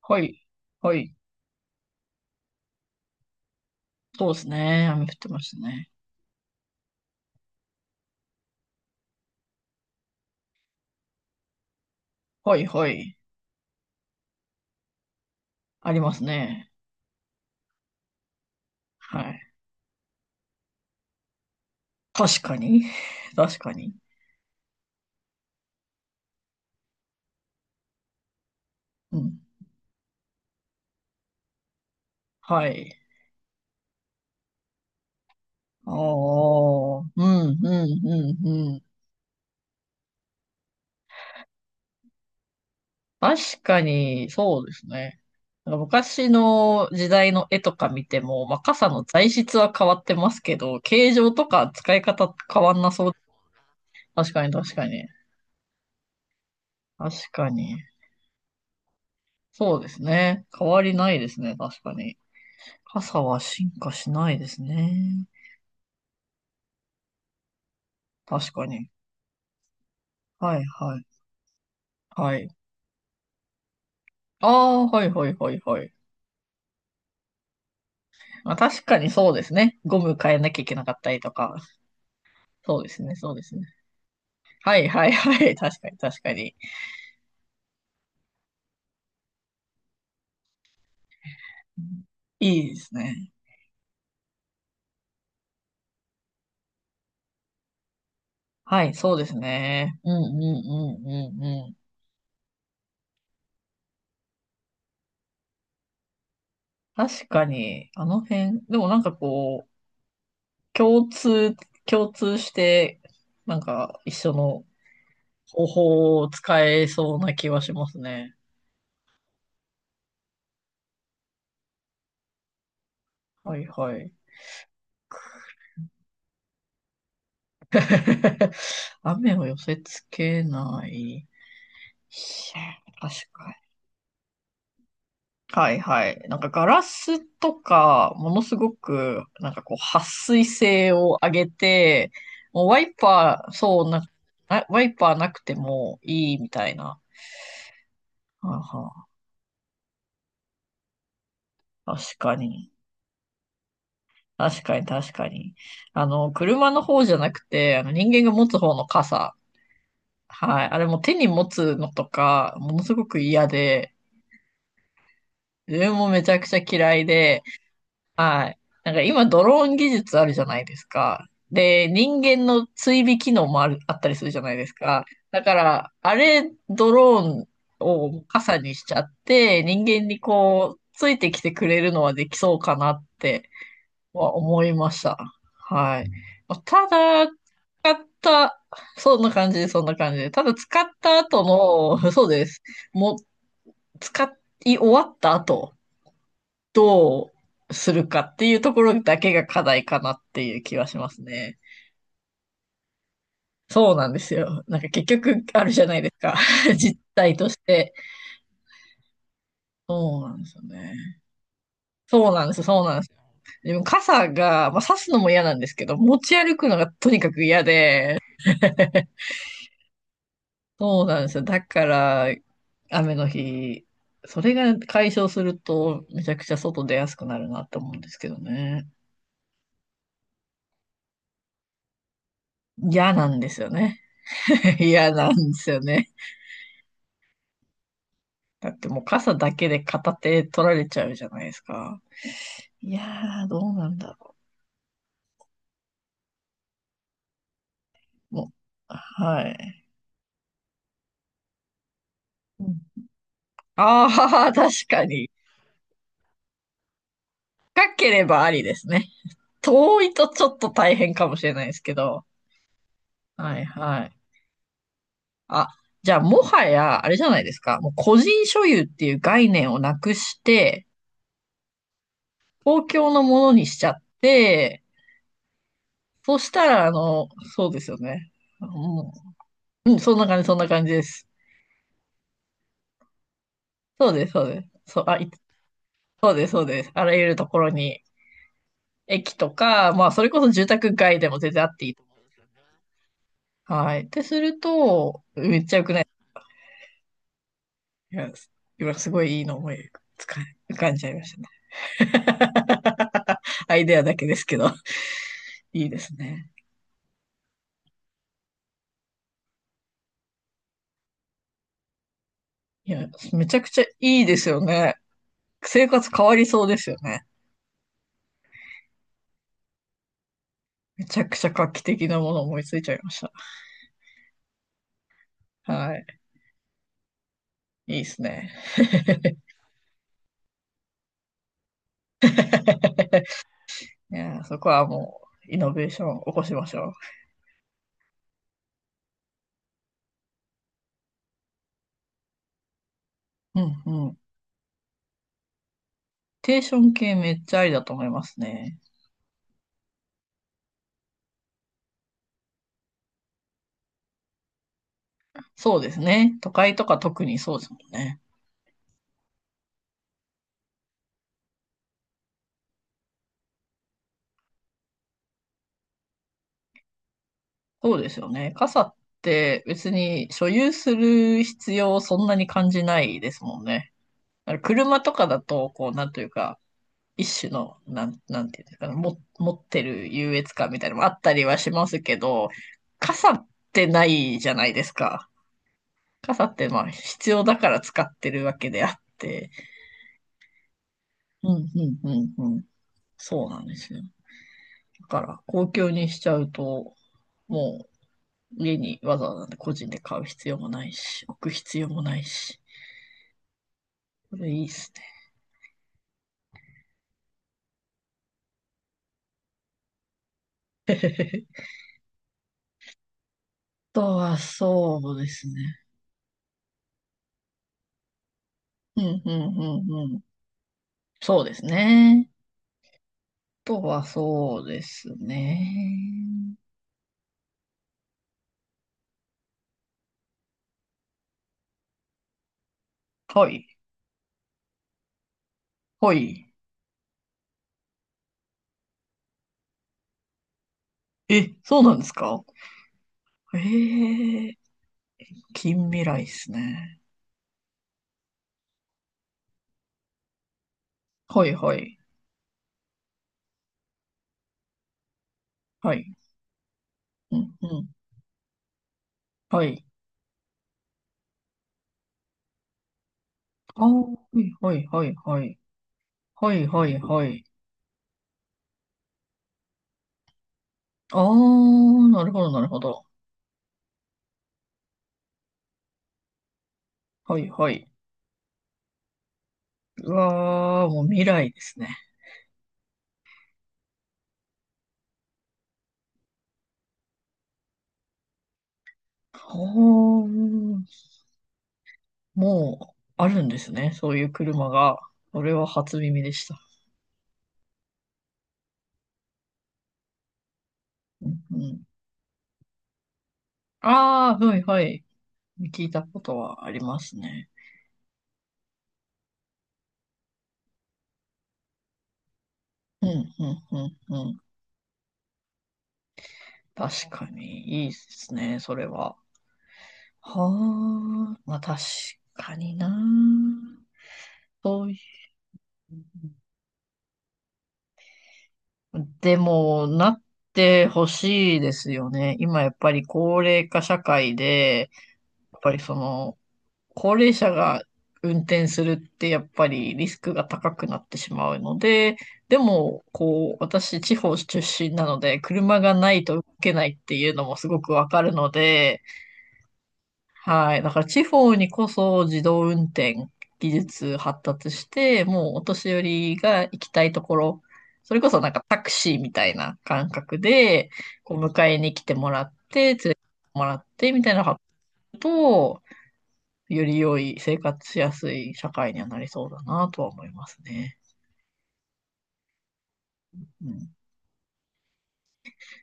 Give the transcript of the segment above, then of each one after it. はい。はい。そうですね。雨降ってましたね。はい、はい。ありますね。はい。確かに。確かに。うん。はい。ああ、うん、うん、うん、うん。確かに、そうですね。なんか昔の時代の絵とか見ても、まあ、傘の材質は変わってますけど、形状とか使い方変わんなそう。確かに、確かに。確かに。そうですね。変わりないですね。確かに。傘は進化しないですね。確かに。はいはい。はい。ああ、はいはいはいはい。まあ、確かにそうですね。ゴム変えなきゃいけなかったりとか。そうですね、そうですね。はいはいはい。確かに確かに。いいですね。はい、そうですね。うんうんうんうんうん。確かに、あの辺、でもなんかこう、共通、共通して、なんか一緒の方法を使えそうな気はしますね。はいはい。雨を寄せつけない。いや、確かに。はいはい。なんかガラスとか、ものすごく、なんかこう、撥水性を上げて、もうワイパー、そうな、あワイパーなくてもいいみたいな。はあはあ確かに。確かに、確かに。あの、車の方じゃなくて、あの人間が持つ方の傘。はい。あれも手に持つのとか、ものすごく嫌で、自分もめちゃくちゃ嫌いで、はい。なんか今ドローン技術あるじゃないですか。で、人間の追尾機能もあったりするじゃないですか。だから、あれ、ドローンを傘にしちゃって、人間にこう、ついてきてくれるのはできそうかなっては思いました。はい。まあただ、使った、そんな感じ、そんな感じ。ただ使った後の、そうです。もう、使い終わった後どうするかっていうところだけが課題かなっていう気はしますね。そうなんですよ。なんか結局あるじゃないですか。実態として。そうなんですよね。そうなんです、そうなんです。でも傘が、まあ、差すのも嫌なんですけど、持ち歩くのがとにかく嫌で。そうなんですよ。だから、雨の日、それが解消すると、めちゃくちゃ外出やすくなるなと思うんですけどね。嫌なんですよね。嫌なんですよね。だってもう傘だけで片手取られちゃうじゃないですか。いやー、どうなんだろう。もう、はい。ああ、確かに。深ければありですね。遠いとちょっと大変かもしれないですけど。はいはい。あ、じゃあもはや、あれじゃないですか。もう個人所有っていう概念をなくして、公共のものにしちゃって、そしたら、あの、そうですよね。もううん、そんな感じ、そんな感じです。そうです、そうです。そう、あ、いそうです、そうです。あらゆるところに、駅とか、まあ、それこそ住宅街でも全然あっていいと。はい。ってすると、めっちゃ良くないいや今すごいいいの思いつか浮かんじゃいましたね。アイデアだけですけど、いいですね。いや、めちゃくちゃいいですよね。生活変わりそうですよね。めちゃくちゃ画期的なもの思いついちゃいました。はい。いいですね。いや、そこはもう、イノベーション起こしましょう。うんうん。テーション系めっちゃありだと思いますね。そうですね。都会とか特にそうですもんね。そうですよね。傘って別に所有する必要をそんなに感じないですもんね。だから車とかだと、こう、なんというか、一種の、なんていうんですかね、も、持ってる優越感みたいなのもあったりはしますけど、傘ってないじゃないですか。傘ってまあ必要だから使ってるわけであって。うん、うん、うん、うん。そうなんですよ。だから公共にしちゃうと、もう家にわざわざ個人で買う必要もないし、置く必要もないし、これいいですね。あとはそうですね。うんうんうんうん。そうですね。あとはそうですね。はい。はい。え、そうなんですか。えー、近未来ですね。はいはい。はい。うんうん。はい。あーはいはいはいはい。はいはいはい。ああ、なるほど、なるほど。はいはい。うわあ、もう未来ですね。ほーもう、あるんですね。そういう車が。それは初耳でした。うんうん、ああ、はいはい。聞いたことはありますね。うん、うん、うん、うん。確かに、いいですね、それは。はあ、まあ確かにな。そういう。でも、なってほしいですよね。今やっぱり高齢化社会で、やっぱりその、高齢者が運転するってやっぱりリスクが高くなってしまうので、でも、こう、私、地方出身なので、車がないと動けないっていうのもすごくわかるので、はい。だから地方にこそ自動運転技術発達して、もうお年寄りが行きたいところ、それこそなんかタクシーみたいな感覚で、こう迎えに来てもらって、連れてってもらってみたいなことと、より良い生活しやすい社会にはなりそうだなとは思いますね。うん。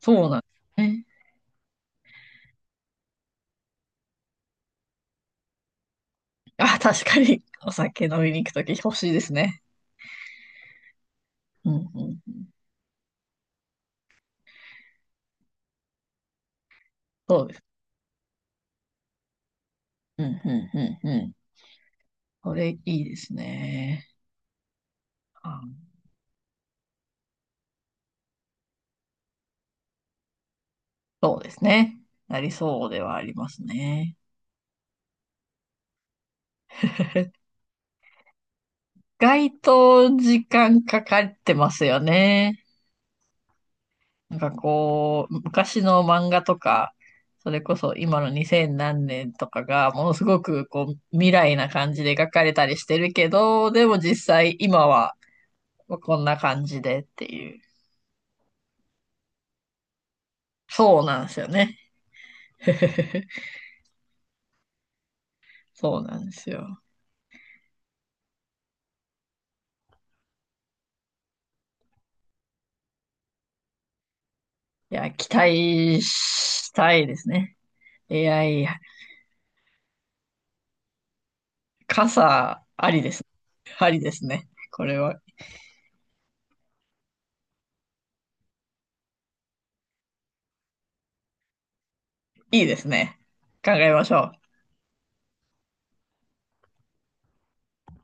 そうなんですね。あ、確かにお酒飲みに行くとき欲しいですね。うんうん。そうです。うんうんうんうん。これいいですね。あそうですね。なりそうではありますね。意外と時間かかってますよね。なんかこう、昔の漫画とか、それこそ今の2000何年とかが、ものすごくこう、未来な感じで描かれたりしてるけど、でも実際今はこんな感じでっていう。そうなんですよね。そうなんですよ。いや、期待したいですね。AI 発傘ありです。ありですね。これはいいですね。考えましょう。